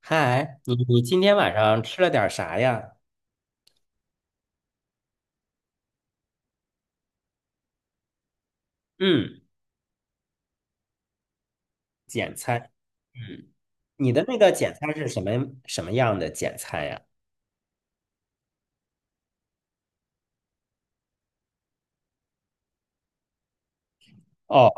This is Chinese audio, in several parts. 嗨，你今天晚上吃了点儿啥呀？嗯，简餐。嗯，你的那个简餐是什么样的简餐呀？哦。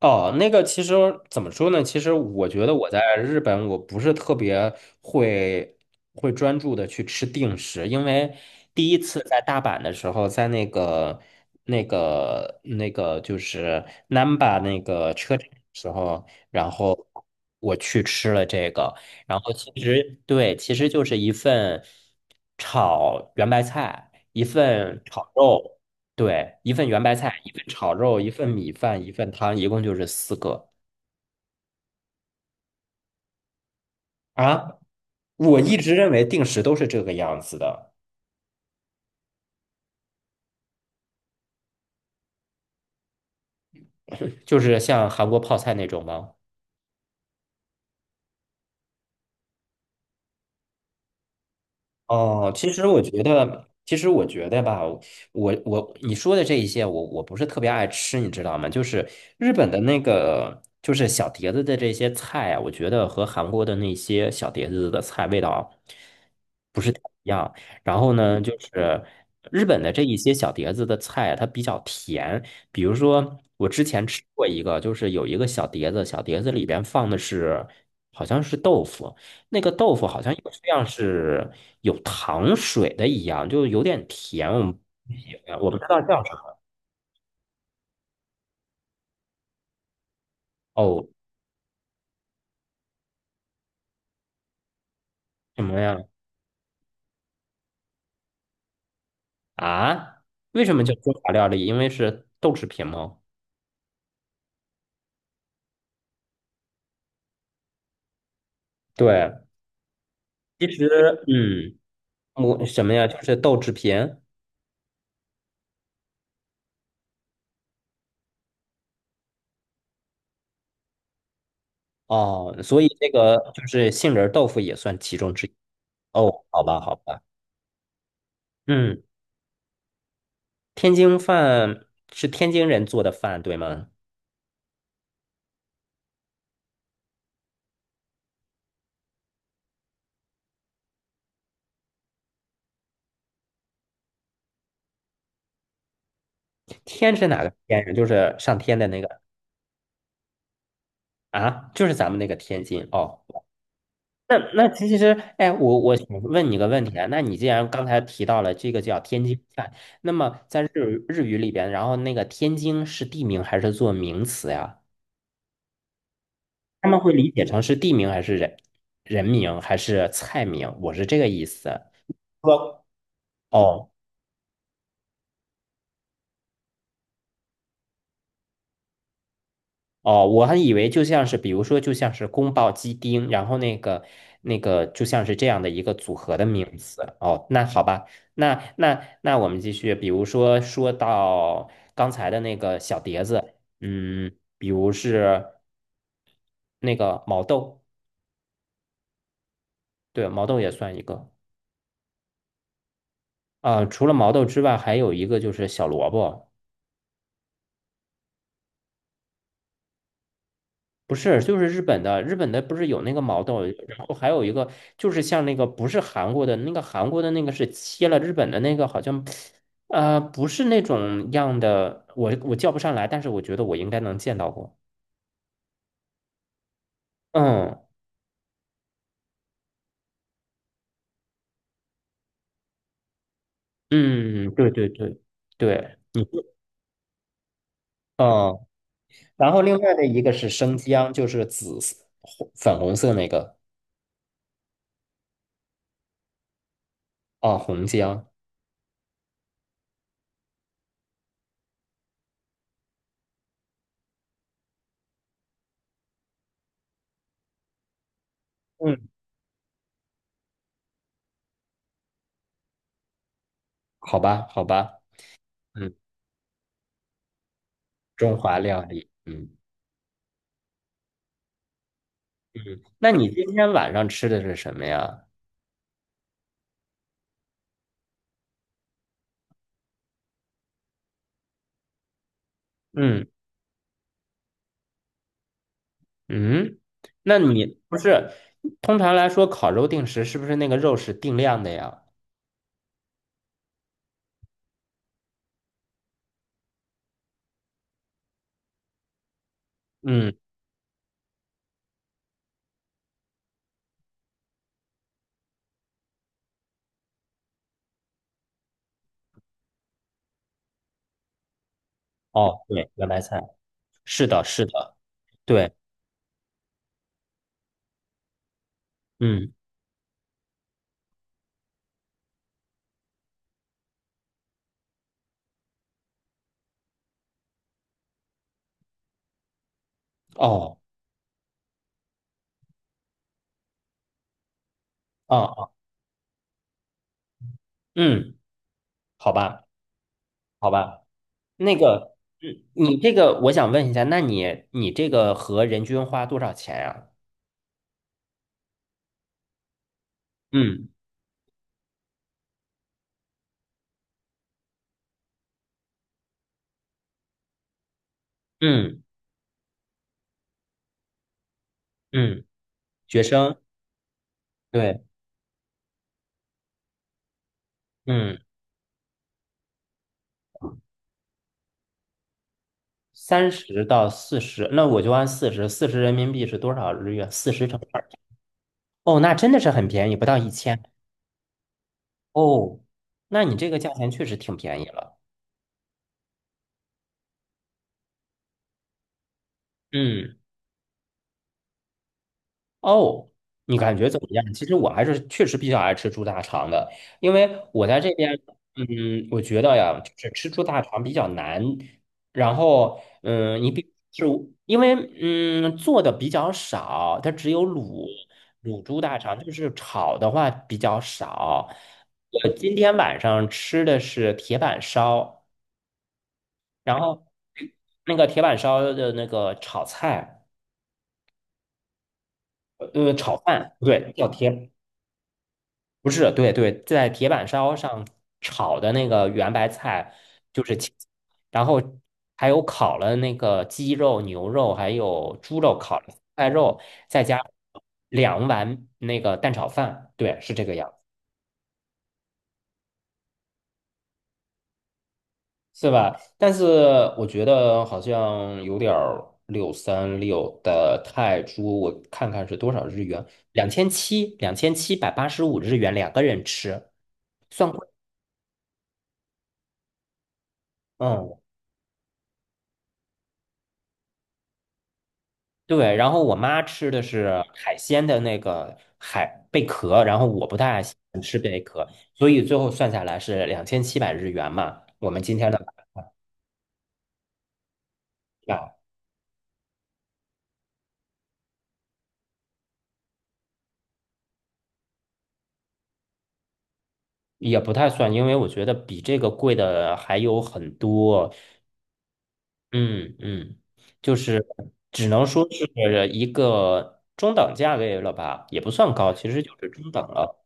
哦，那个其实怎么说呢？其实我觉得我在日本，我不是特别会会专注的去吃定食，因为第一次在大阪的时候，在那个就是 Namba 那个车站的时候，然后我去吃了这个，然后其实对，其实就是一份炒圆白菜，一份炒肉。对，一份圆白菜，一份炒肉，一份米饭，一份汤，一共就是4个啊。我一直认为定时都是这个样子的，就是像韩国泡菜那种吗？哦，其实我觉得吧，我你说的这一些，我不是特别爱吃，你知道吗？就是日本的那个，就是小碟子的这些菜啊，我觉得和韩国的那些小碟子的菜味道不是太一样。然后呢，就是日本的这一些小碟子的菜啊，它比较甜。比如说，我之前吃过一个，就是有一个小碟子，小碟子里边放的是好像是豆腐。那个豆腐好像有像是有糖水的一样，就有点甜，我们不喜欢，我不知道叫什么。哦，什么呀？啊？为什么叫中华料理？因为是豆制品吗？对，其实，嗯，我什么呀？就是豆制品哦，所以这个就是杏仁豆腐也算其中之一。哦，好吧，好吧，嗯，天津饭是天津人做的饭，对吗？天是哪个天呀？就是上天的那个。啊，就是咱们那个天津哦。那其实，哎，我想问你个问题啊。那你既然刚才提到了这个叫天津菜，那么在日语里边，然后那个天津是地名还是做名词呀？他们会理解成是地名还是人名还是菜名？我是这个意思。说哦，哦，我还以为就像是，比如说，就像是宫保鸡丁，然后那个，就像是这样的一个组合的名字。哦，那好吧，那我们继续，比如说说到刚才的那个小碟子，嗯，比如是那个毛豆，对，毛豆也算一个。啊、除了毛豆之外，还有一个就是小萝卜。不是，就是日本的不是有那个毛豆，然后还有一个就是像那个不是韩国的那个是切了日本的那个好像，不是那种样的，我叫不上来，但是我觉得我应该能见到过。嗯嗯，对对对对，嗯嗯，然后另外的一个是生姜，就是紫色红粉红色那个哦，红姜。嗯，好吧好吧，嗯，中华料理，嗯，那你今天晚上吃的是什么呀？嗯嗯，那你不是通常来说烤肉定时是不是那个肉是定量的呀？嗯，哦，对，圆白菜，是的，是的，对，嗯，哦，哦，哦嗯，好吧，好吧，那个，嗯，你这个我想问一下，那你这个和人均花多少钱呀？嗯嗯嗯，学生，对，嗯，30到40，那我就按四十，40人民币是多少日元？40乘2。哦，那真的是很便宜，不到一千。哦，那你这个价钱确实挺便宜了。嗯，哦，你感觉怎么样？其实我还是确实比较爱吃猪大肠的，因为我在这边，嗯，我觉得呀，就是吃猪大肠比较难。然后，嗯，你比是因为做的比较少，它只有卤猪大肠，就是炒的话比较少。我今天晚上吃的是铁板烧。然后那个铁板烧的那个炒菜，炒饭，不对，叫铁，不是，对对，在铁板烧上炒的那个圆白菜就是青菜，然后还有烤了那个鸡肉、牛肉，还有猪肉，烤了菜肉，再加2碗那个蛋炒饭，对，是这个样。是吧？但是我觉得好像有点636的泰铢，我看看是多少日元？两千七，2785日元，两个人吃，算贵。嗯，对。然后我妈吃的是海鲜的那个海贝壳，然后我不太爱吃，所以最后算下来是2700日元嘛。我们今天的晚饭也不太算，因为我觉得比这个贵的还有很多。嗯嗯，就是只能说是一个中等价位了吧，也不算高，其实就是中等了。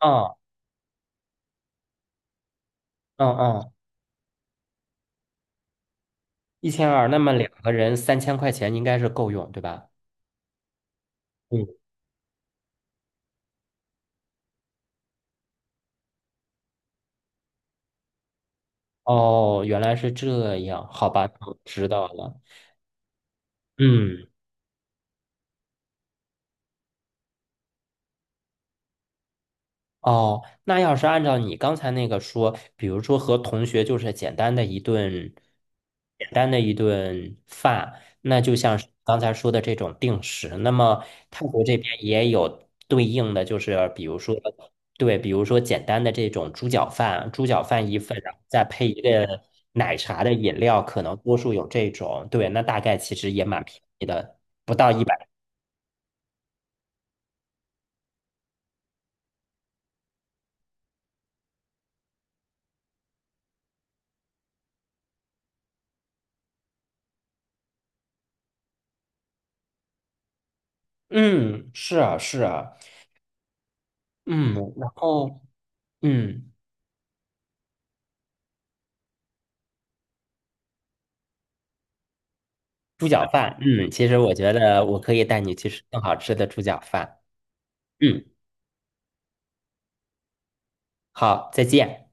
嗯嗯嗯，1200，那么两个人3000块钱应该是够用，对吧？嗯，哦，原来是这样，好吧，我知道了。嗯。哦，那要是按照你刚才那个说，比如说和同学就是简单的一顿饭，那就像是刚才说的这种定时，那么泰国这边也有对应的，就是比如说，对，比如说简单的这种猪脚饭，猪脚饭一份，然后再配一个奶茶的饮料，可能多数有这种，对，那大概其实也蛮便宜的，不到100。嗯，是啊，是啊，嗯，然后嗯。猪脚饭，嗯，其实我觉得我可以带你去吃更好吃的猪脚饭。嗯，好，再见。